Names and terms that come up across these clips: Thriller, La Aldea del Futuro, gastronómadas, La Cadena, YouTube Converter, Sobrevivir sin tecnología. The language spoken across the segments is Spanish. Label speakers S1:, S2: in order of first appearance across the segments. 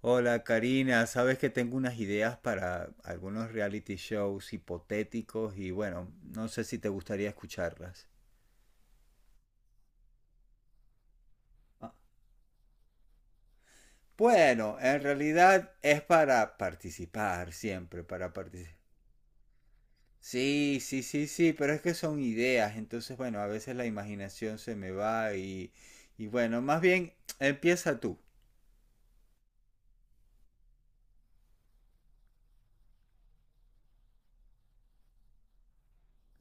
S1: Hola Karina, sabes que tengo unas ideas para algunos reality shows hipotéticos y bueno, no sé si te gustaría escucharlas. Ah. Bueno, en realidad es para participar siempre, para participar. Sí, sí, sí, sí, pero es que son ideas, entonces bueno, a veces la imaginación se me va y bueno, más bien empieza tú.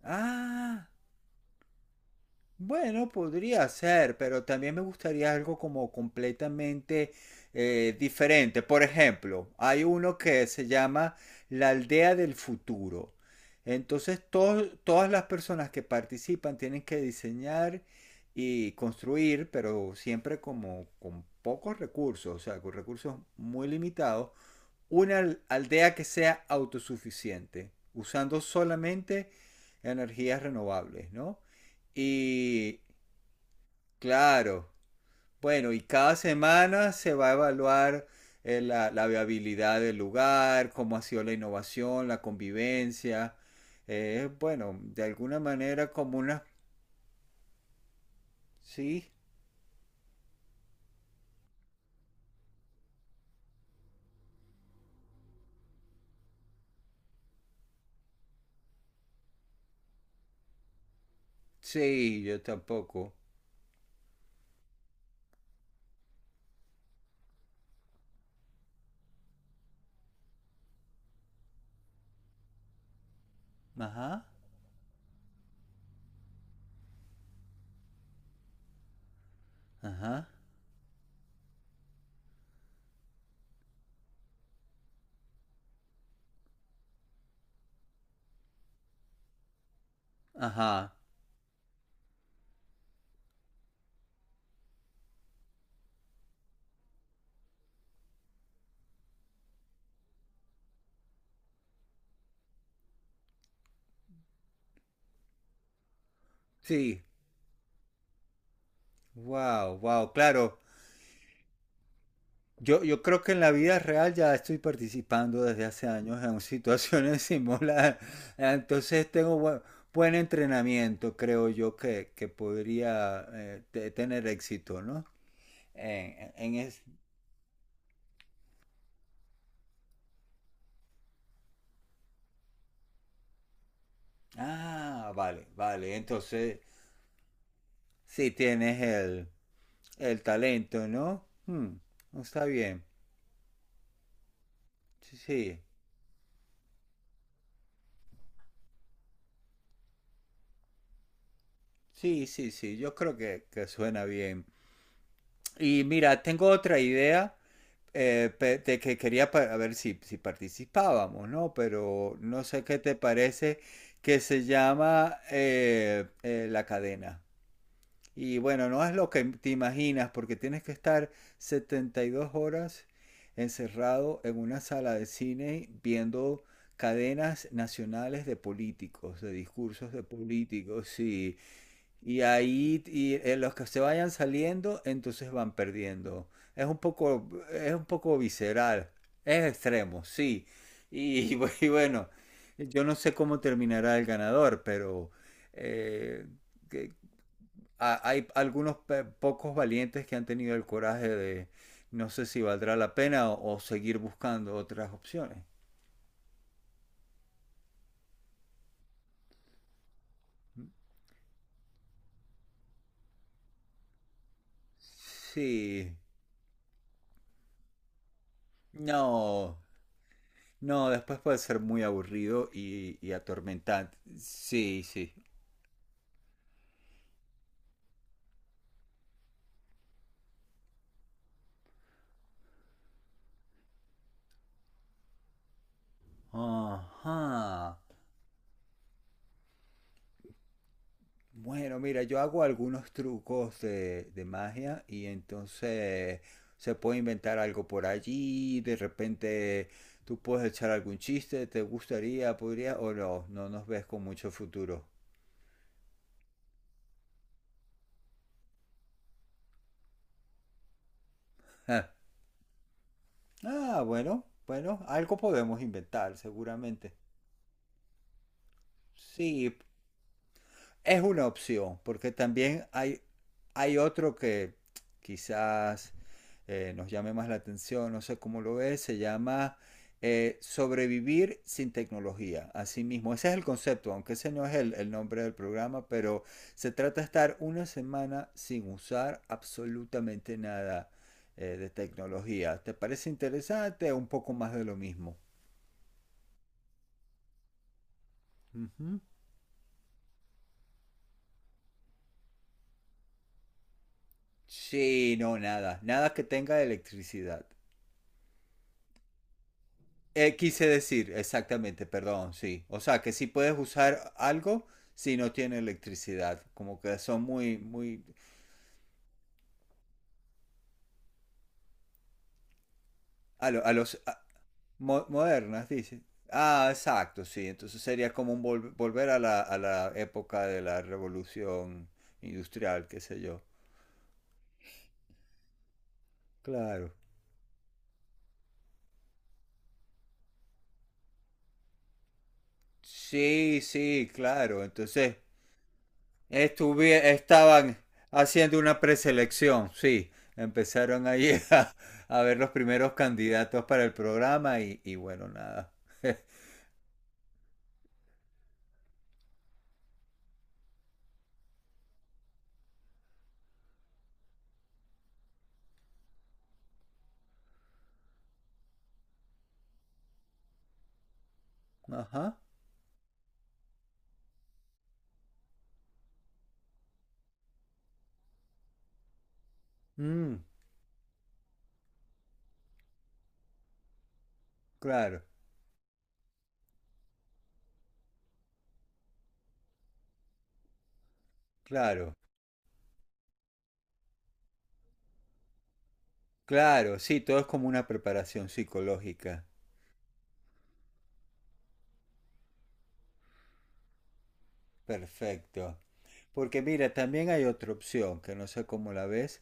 S1: Ah. Bueno, podría ser, pero también me gustaría algo como completamente diferente. Por ejemplo, hay uno que se llama La Aldea del Futuro. Entonces, todas las personas que participan tienen que diseñar y construir, pero siempre como con pocos recursos, o sea, con recursos muy limitados, una aldea que sea autosuficiente, usando solamente energías renovables, ¿no? Y claro, bueno, y cada semana se va a evaluar la viabilidad del lugar, cómo ha sido la innovación, la convivencia. Bueno, de alguna manera como una... Sí, sí, yo tampoco. Ajá, ajá, ajá. Sí, wow, wow, claro. Yo creo que en la vida real ya estoy participando desde hace años en situaciones similares. Entonces tengo buen entrenamiento, creo yo, que podría tener éxito, ¿no? En, en es... Ah, vale, vale. Entonces, sí tienes el talento, ¿no? Hmm, está bien. Sí, sí, sí, sí, sí. Yo creo que suena bien. Y mira, tengo otra idea de que quería a ver si participábamos, ¿no? Pero no sé qué te parece que se llama La Cadena. Y bueno, no es lo que te imaginas porque tienes que estar 72 horas encerrado en una sala de cine viendo cadenas nacionales de políticos, de discursos de políticos, sí. Y ahí los que se vayan saliendo, entonces van perdiendo. Es un poco visceral. Es extremo, sí. Bueno, yo no sé cómo terminará el ganador, pero eh, que- hay algunos pocos valientes que han tenido el coraje de no sé si valdrá la pena o seguir buscando otras opciones. ¿Mm? Sí, no. No, después puede ser muy aburrido y atormentante. Sí, sí. Ajá. Bueno, mira, yo hago algunos trucos de magia y entonces se puede inventar algo por allí. De repente tú puedes echar algún chiste, ¿te gustaría, podría o no? No nos ves con mucho futuro. Ah, bueno, bueno, algo podemos inventar, seguramente. Sí, es una opción, porque también hay otro que quizás nos llame más la atención, no sé cómo lo ves, se llama Sobrevivir sin tecnología, así mismo. Ese es el concepto, aunque ese no es el nombre del programa, pero se trata de estar una semana sin usar absolutamente nada de tecnología. ¿Te parece interesante? Un poco más de lo mismo. Ujú. Sí, no, nada, nada que tenga electricidad. Quise decir, exactamente, perdón, sí. O sea, que sí puedes usar algo si no tiene electricidad. Como que son muy, muy... A, lo- a los... a- mo- modernas, dice. Ah, exacto, sí. Entonces sería como un volver a la época de la revolución industrial, qué sé yo. Claro. Sí, sí, claro. Entonces... estaban haciendo una preselección, sí. Empezaron ahí a ver los primeros candidatos para el programa y bueno, nada. Ajá. Mm, claro, claro, claro. Sí, todo es como una preparación psicológica. Perfecto. Porque mira, también hay otra opción que no sé cómo la ves,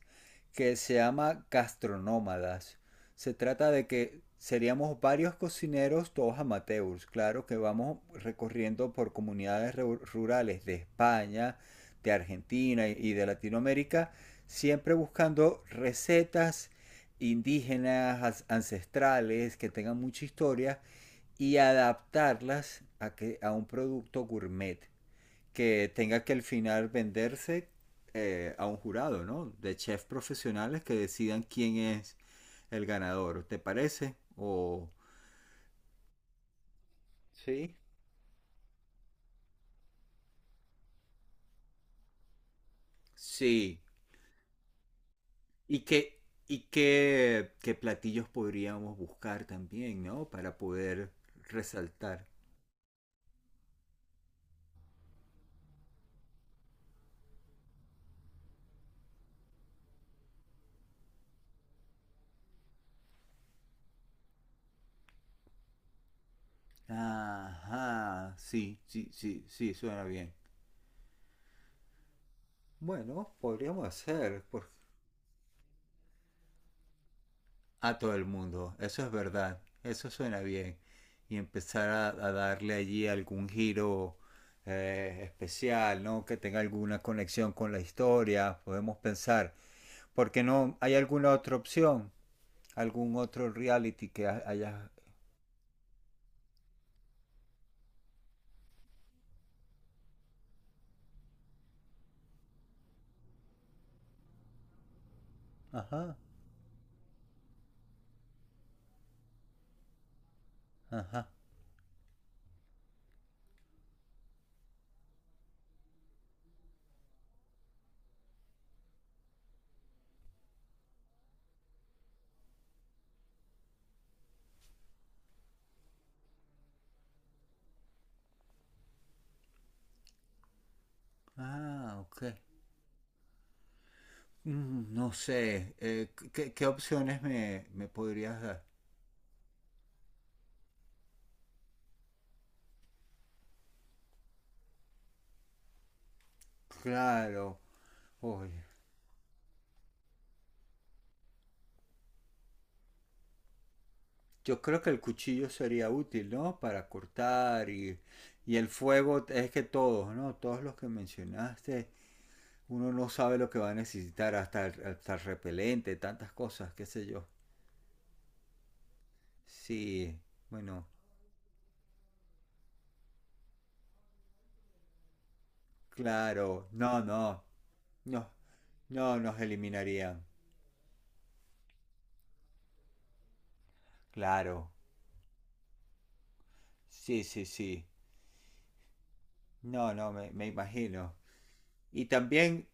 S1: que se llama gastronómadas. Se trata de que seríamos varios cocineros, todos amateurs, claro, que vamos recorriendo por comunidades rurales de España, de Argentina y de Latinoamérica, siempre buscando recetas indígenas, ancestrales, que tengan mucha historia y adaptarlas a un producto gourmet que tenga que al final venderse a un jurado, ¿no? De chefs profesionales que decidan quién es el ganador, ¿te parece? O Sí, sí, y qué qué platillos podríamos buscar también, ¿no? Para poder resaltar. Ajá, sí, sí, sí, sí, suena bien. Bueno, podríamos hacer, a todo el mundo. Eso es verdad, eso suena bien. Y empezar a darle allí algún giro especial, ¿no? Que tenga alguna conexión con la historia, podemos pensar. ¿Porque no hay alguna otra opción? ¿Algún otro reality que haya... Ajá, ajá. Ah, ok. No sé, ¿qué opciones me podrías dar? Claro, oye, yo creo que el cuchillo sería útil, ¿no? Para cortar y el fuego, es que todos, ¿no? Todos los que mencionaste, uno no sabe lo que va a necesitar, hasta, hasta el repelente, tantas cosas, qué sé yo. Sí, bueno, claro, no, no, no, no nos eliminarían, claro, sí, sí, sí, no, no, me imagino. Y también,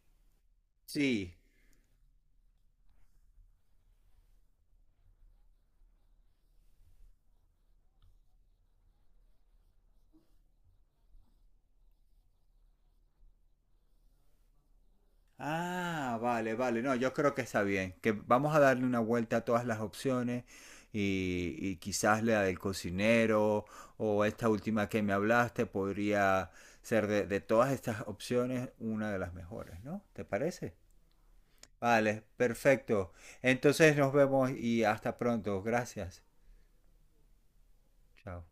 S1: sí, ah, vale, vale. No, yo creo que está bien. Que vamos a darle una vuelta a todas las opciones y quizás la del cocinero o esta última que me hablaste podría ser de todas estas opciones una de las mejores, ¿no? ¿Te parece? Vale, perfecto. Entonces nos vemos y hasta pronto. Gracias. Chao.